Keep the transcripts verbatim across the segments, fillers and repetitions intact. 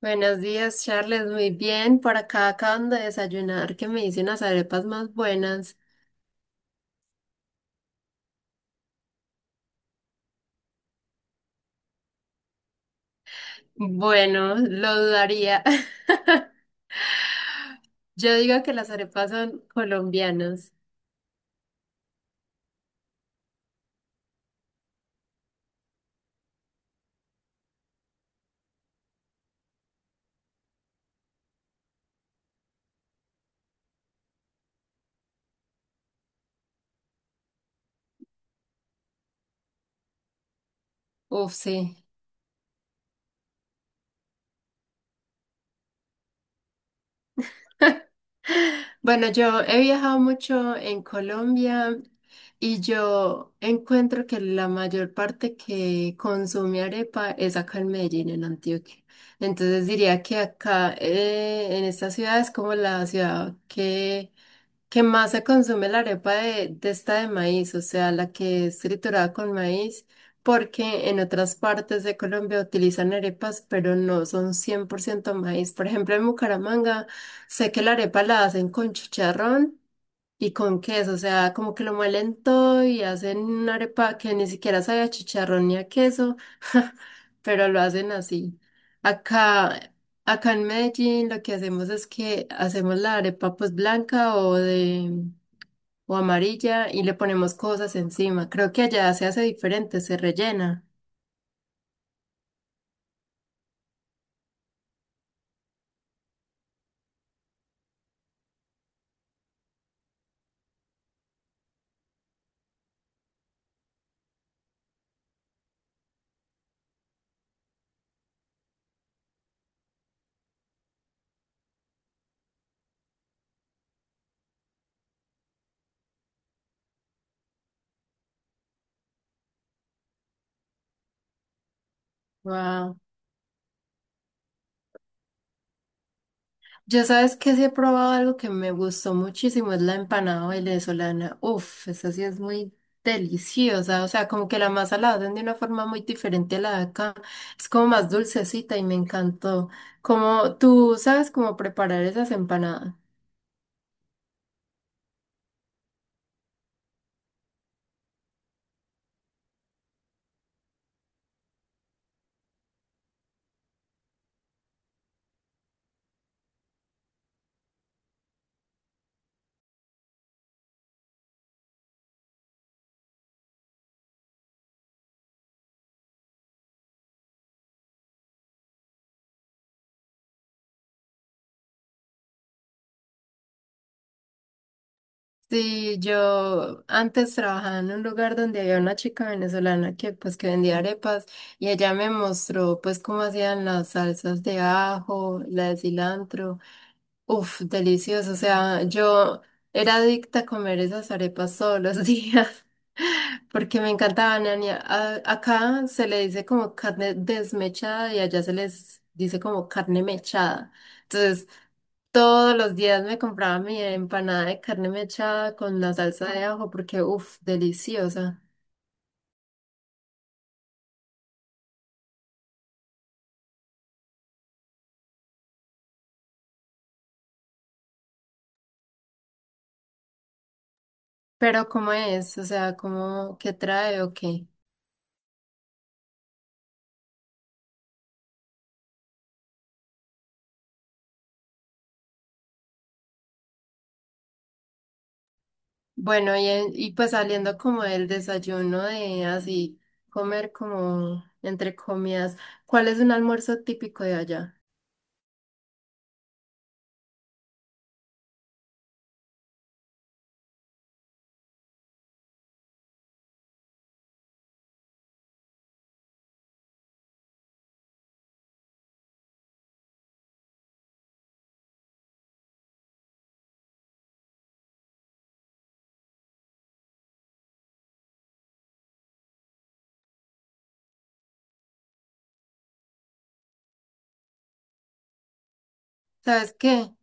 Buenos días, Charles. Muy bien. Por acá acaban de desayunar, que me hice unas arepas más buenas. Bueno, lo dudaría. Yo digo que las arepas son colombianas. Uf, sí. Bueno, yo he viajado mucho en Colombia y yo encuentro que la mayor parte que consume arepa es acá en Medellín, en Antioquia. Entonces diría que acá, eh, en esta ciudad, es como la ciudad que ¿qué más se consume la arepa de, de esta de maíz? O sea, la que es triturada con maíz, porque en otras partes de Colombia utilizan arepas, pero no son cien por ciento maíz. Por ejemplo, en Bucaramanga sé que la arepa la hacen con chicharrón. Y con queso, o sea, como que lo muelen todo y hacen una arepa que ni siquiera sabe a chicharrón ni a queso, pero lo hacen así. Acá, acá en Medellín lo que hacemos es que hacemos la arepa pues blanca o de o amarilla y le ponemos cosas encima. Creo que allá se hace diferente, se rellena. Yo sabes que sí he probado algo que me gustó muchísimo, es la empanada venezolana. Uf, esa sí es muy deliciosa, o sea, como que la masa la hacen de una forma muy diferente a la de acá, es como más dulcecita y me encantó. Como tú sabes cómo preparar esas empanadas. Sí, yo antes trabajaba en un lugar donde había una chica venezolana que pues que vendía arepas y ella me mostró pues cómo hacían las salsas de ajo, la de cilantro. Uf, delicioso. O sea, yo era adicta a comer esas arepas todos los días porque me encantaban. y a- a- Acá se le dice como carne desmechada y allá se les dice como carne mechada. Entonces, todos los días me compraba mi empanada de carne mechada con la salsa de ajo porque, uff, deliciosa. Pero ¿cómo es? O sea, ¿cómo, qué trae o qué? Bueno, y, en- y pues saliendo como del desayuno de así, comer como entre comidas, ¿cuál es un almuerzo típico de allá? ¿Sabes qué?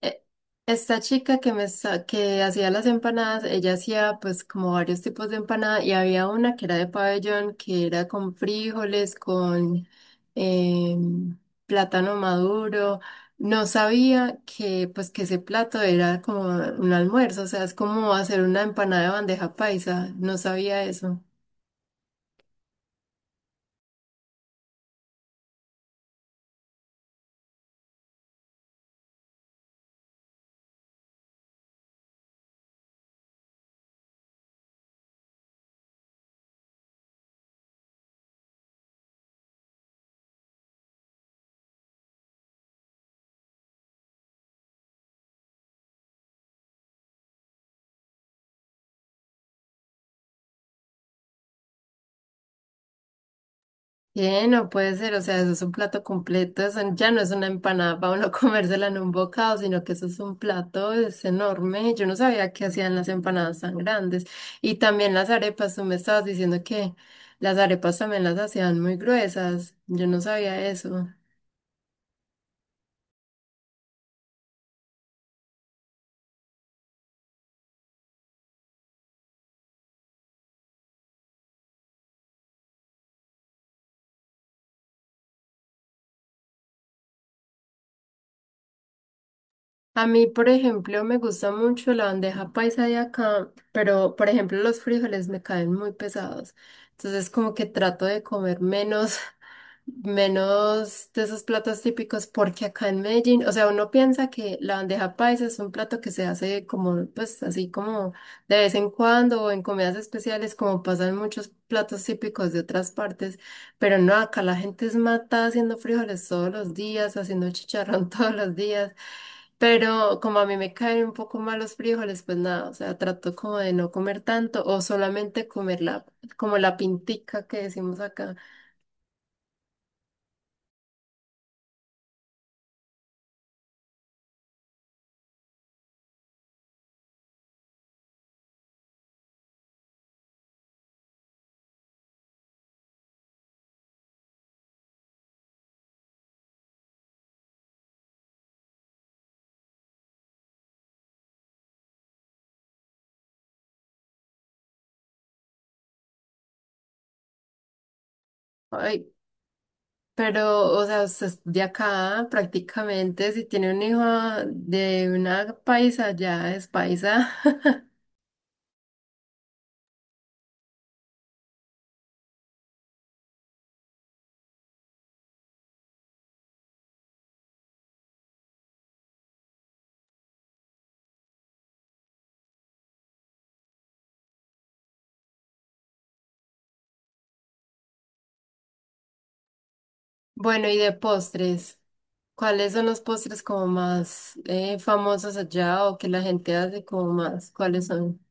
eh, Esta chica que me sa- que hacía las empanadas, ella hacía pues como varios tipos de empanada y había una que era de pabellón, que era con frijoles, con em, plátano maduro. No sabía que pues que ese plato era como un almuerzo, o sea, es como hacer una empanada de bandeja paisa, no sabía eso. ¿Qué? No puede ser, o sea, eso es un plato completo, eso ya no es una empanada para uno comérsela en un bocado, sino que eso es un plato, es enorme. Yo no sabía que hacían las empanadas tan grandes. Y también las arepas, tú me estabas diciendo que las arepas también las hacían muy gruesas. Yo no sabía eso. A mí, por ejemplo, me gusta mucho la bandeja paisa de acá, pero, por ejemplo, los frijoles me caen muy pesados. Entonces, como que trato de comer menos. Menos de esos platos típicos, porque acá en Medellín, o sea, uno piensa que la bandeja paisa es un plato que se hace como, pues así como de vez en cuando o en comidas especiales, como pasan muchos platos típicos de otras partes, pero no, acá la gente es matada haciendo frijoles todos los días, haciendo chicharrón todos los días. Pero como a mí me caen un poco mal los frijoles, pues nada, o sea, trato como de no comer tanto o solamente comer la, como la pintica que decimos acá. Ay, pero, o sea, usted es de acá prácticamente, si tiene un hijo de una paisa, ya es paisa. Bueno, y de postres, ¿cuáles son los postres como más eh, famosos allá o que la gente hace como más? ¿Cuáles son?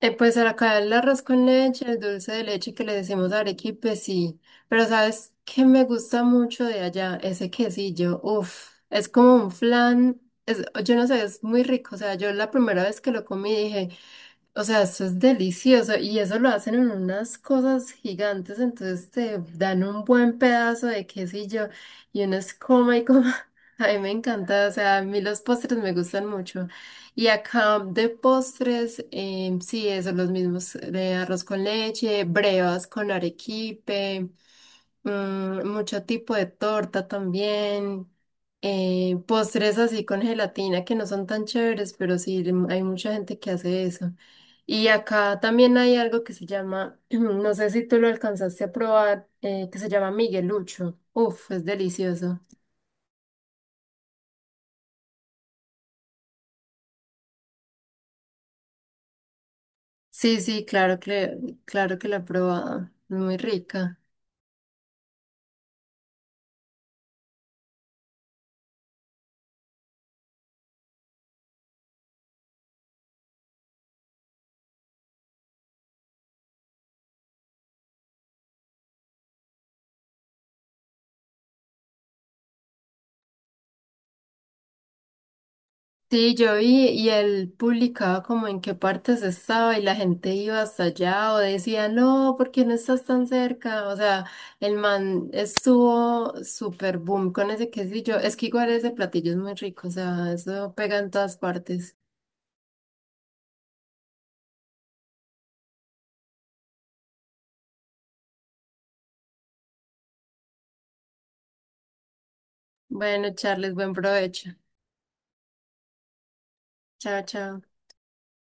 Eh, pues acá el arroz con leche, el dulce de leche que le decimos arequipe, sí. Pero ¿sabes qué me gusta mucho de allá? Ese quesillo, uff, es como un flan, es, yo no sé, es muy rico. O sea, yo la primera vez que lo comí dije... O sea, eso es delicioso y eso lo hacen en unas cosas gigantes, entonces te dan un buen pedazo de quesillo y uno es coma y coma. A mí me encanta, o sea, a mí los postres me gustan mucho. Y acá de postres, em, sí, eso, los mismos de arroz con leche, brevas con arequipe. Mm, mucho tipo de torta también, eh, postres así con gelatina que no son tan chéveres, pero sí le- hay mucha gente que hace eso. Y acá también hay algo que se llama, no sé si tú lo alcanzaste a probar, eh, que se llama Miguelucho. Uf, es delicioso. Sí, sí, claro que, claro que la he probado. Muy rica. Sí, yo vi y él publicaba como en qué partes estaba y la gente iba hasta allá o decía, no, ¿por qué no estás tan cerca? O sea, el man estuvo súper boom con ese quesillo. Es que igual ese platillo es muy rico, o sea, eso pega en todas partes. Bueno, Charles, buen provecho. Chao, chao.